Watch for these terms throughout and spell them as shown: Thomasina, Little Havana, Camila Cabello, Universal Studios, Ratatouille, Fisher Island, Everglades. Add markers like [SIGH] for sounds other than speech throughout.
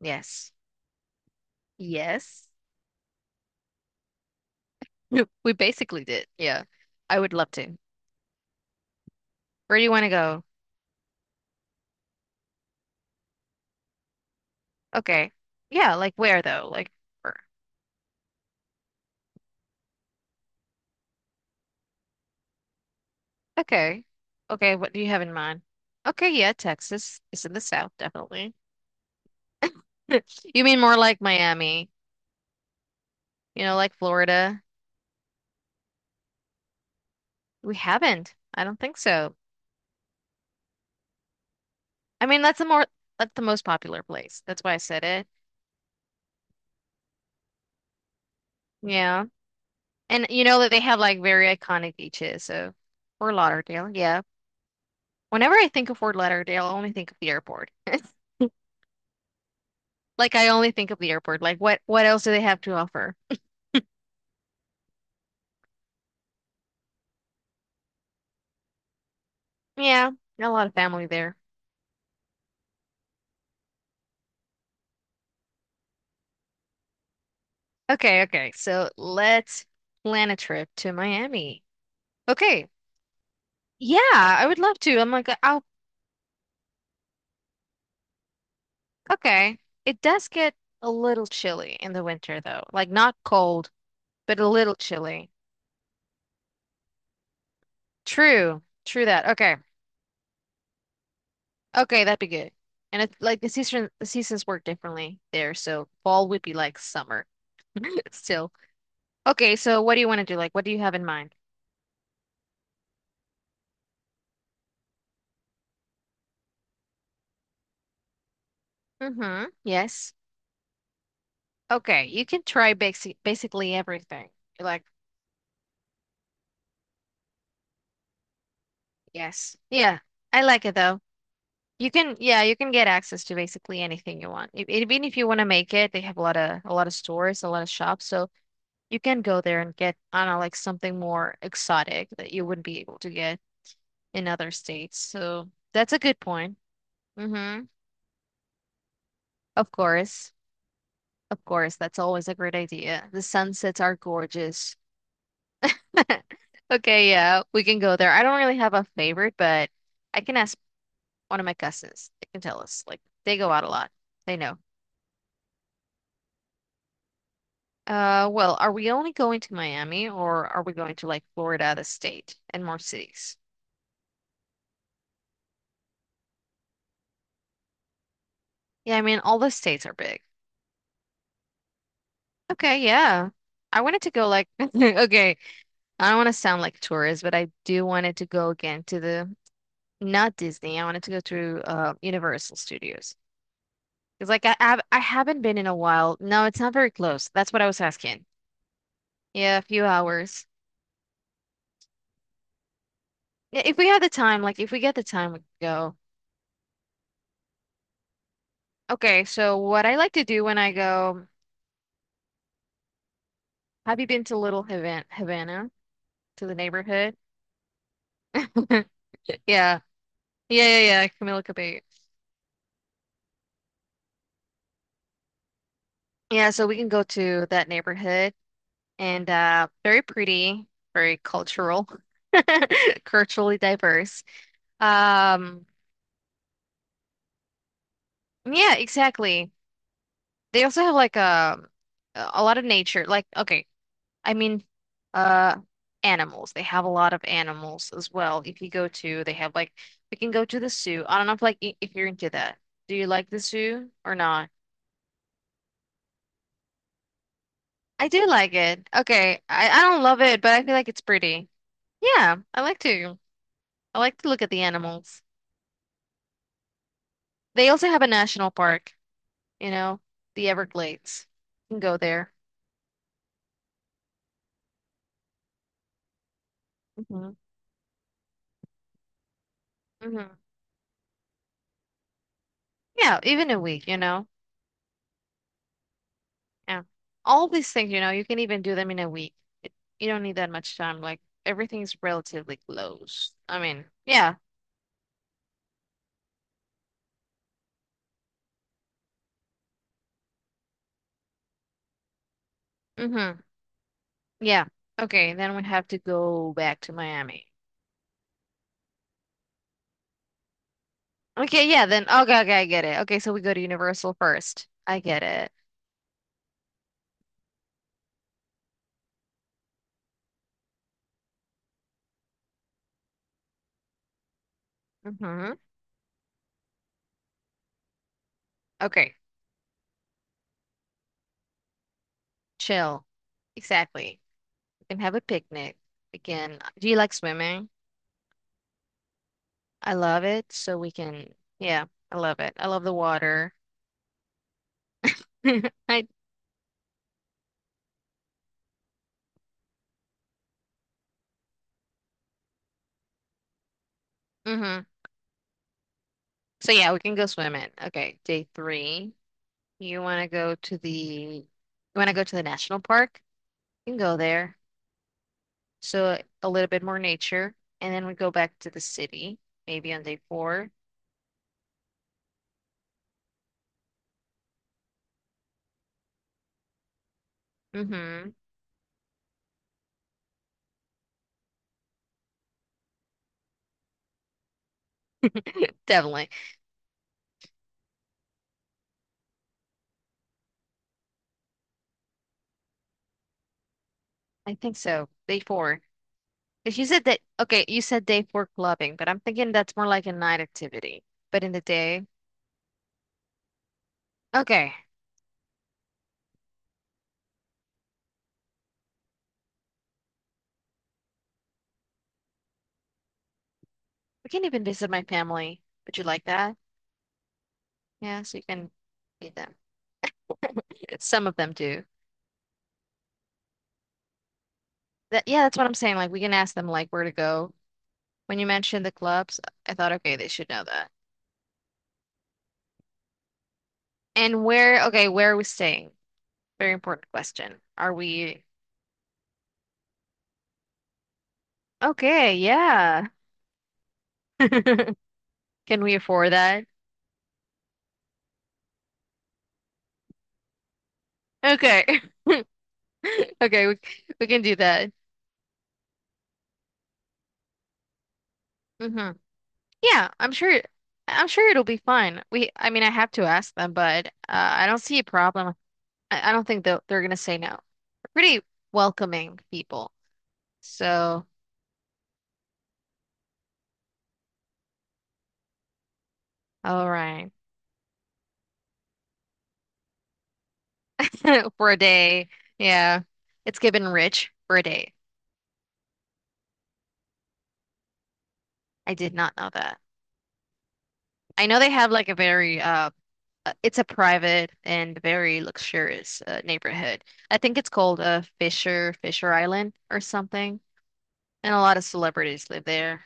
Yes. Yes. Yep. We basically did. Yeah. I would love to. Where do you want to go? Okay. Yeah, like where though? Like where? Okay. Okay, what do you have in mind? Okay, yeah, Texas is in the south, definitely. [LAUGHS] You mean more like Miami, you know, like Florida? We haven't. I don't think so. I mean, that's the most popular place. That's why I said it. Yeah. And you know that they have like very iconic beaches, so Fort Lauderdale, yeah. Whenever I think of Fort Lauderdale, I only think of the airport. [LAUGHS] Like I only think of the airport. Like what else do they have to offer? Yeah, got a lot of family there. Okay, okay. So let's plan a trip to Miami. Okay. Yeah, I would love to. I'm like, oh, okay. It does get a little chilly in the winter though. Like not cold, but a little chilly. True. True that. Okay. Okay, that'd be good. And it's like the seasons work differently there, so fall would be like summer [LAUGHS] still. Okay, so what do you want to do? Like, what do you have in mind? Mm-hmm. Yes. Okay, you can try basically everything. You're like, yes. Yeah, I like it though. You can, yeah, you can get access to basically anything you want. E- Even if you want to make it, they have a lot of stores, a lot of shops, so you can go there and get, I don't know, like something more exotic that you wouldn't be able to get in other states. So that's a good point. Mm-hmm. Of course. Of course, that's always a great idea. The sunsets are gorgeous. [LAUGHS] Okay, yeah, we can go there. I don't really have a favorite, but I can ask one of my cousins. They can tell us. Like they go out a lot. They know. Well, are we only going to Miami or are we going to like Florida, the state, and more cities? Yeah, I mean all the states are big. Okay, yeah. I wanted to go like [LAUGHS] okay, I don't want to sound like a tourist, but I do wanted to go again to the not Disney. I wanted to go to Universal Studios. It's like I haven't been in a while. No, it's not very close. That's what I was asking. Yeah, a few hours. Yeah, if we had the time, like if we get the time, we could go. Okay, so what I like to do when I go, have you been to Havana, to the neighborhood? [LAUGHS] Yeah. Yeah, yeah, yeah, Camila Cabello. Yeah, so we can go to that neighborhood and very pretty, very cultural, [LAUGHS] culturally diverse. Um yeah, exactly. They also have like a lot of nature. Like, okay, I mean, uh, animals. They have a lot of animals as well. If you go to, they have like we can go to the zoo. I don't know if like if you're into that. Do you like the zoo or not? I do like it. Okay, I don't love it, but I feel like it's pretty. Yeah, I like to. I like to look at the animals. They also have a national park. You know, the Everglades. You can go there. Hmm. Hmm. Yeah, even a week. You know. Yeah. All these things, you know, you can even do them in a week. It, you don't need that much time. Like everything's relatively close. I mean, yeah. Mm-hmm. Yeah. Okay, then we have to go back to Miami. Okay, yeah, then okay, I get it. Okay, so we go to Universal first. I get it. Mm-hmm. Okay, chill. Exactly. We can have a picnic. We can, do you like swimming? I love it. So we can, yeah, I love it. I love the water. [LAUGHS] I, mhm. So yeah, we can go swimming. Okay, day three. You want to go to the you want to go to the national park? You can go there. So a little bit more nature, and then we go back to the city, maybe on day four. Mm-hmm. [LAUGHS] Definitely. I think so. Day four. Because you said that, okay, you said day four clubbing, but I'm thinking that's more like a night activity. But in the day, okay, we can even visit my family. Would you like that? Yeah, so you can meet them. Some of them do. That, yeah, that's what I'm saying. Like we can ask them like where to go. When you mentioned the clubs, I thought, okay, they should know that. And where, okay, where are we staying? Very important question. Are we okay? Yeah. [LAUGHS] Can we afford that? Okay. [LAUGHS] Okay, we can do that. Hmm. Yeah, I'm sure it'll be fine. We I mean, I have to ask them, but I don't see a problem. I don't think they'll, they're gonna say no. They're pretty welcoming people. So, all right. [LAUGHS] For a day. Yeah. It's given rich for a day. I did not know that. I know they have like a very it's a private and very luxurious neighborhood. I think it's called Fisher Island or something. And a lot of celebrities live there.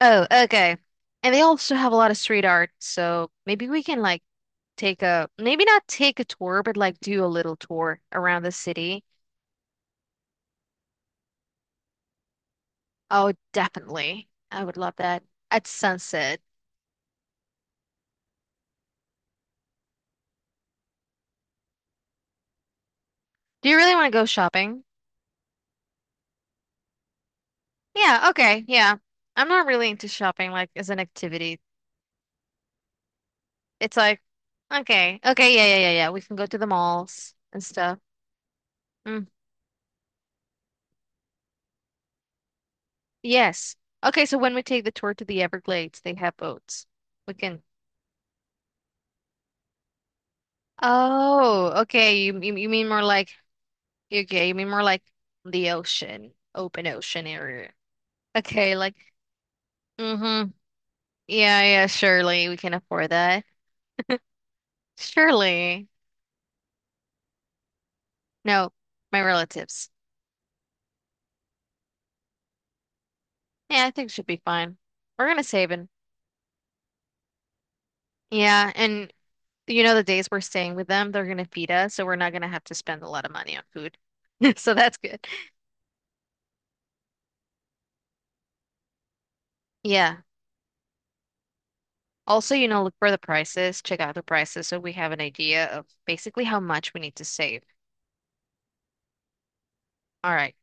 Oh, okay. And they also have a lot of street art, so maybe we can like take a maybe not take a tour, but like do a little tour around the city. Oh, definitely. I would love that. At sunset. Do you really want to go shopping? Yeah, okay, yeah. I'm not really into shopping like as an activity. It's like, okay, yeah, yeah, yeah, yeah. We can go to the malls and stuff. Mm, yes. Okay, so when we take the tour to the Everglades, they have boats. We can. Oh, okay. You mean more like okay, you mean more like the ocean, open ocean area. Okay, like, mm-hmm. Yeah, yeah, surely we can afford that. Surely. No, my relatives. Yeah, I think it should be fine. We're gonna save and yeah, and you know the days we're staying with them, they're gonna feed us, so we're not gonna have to spend a lot of money on food. [LAUGHS] So that's good. Yeah. Also, you know, look for the prices, check out the prices so we have an idea of basically how much we need to save. All right.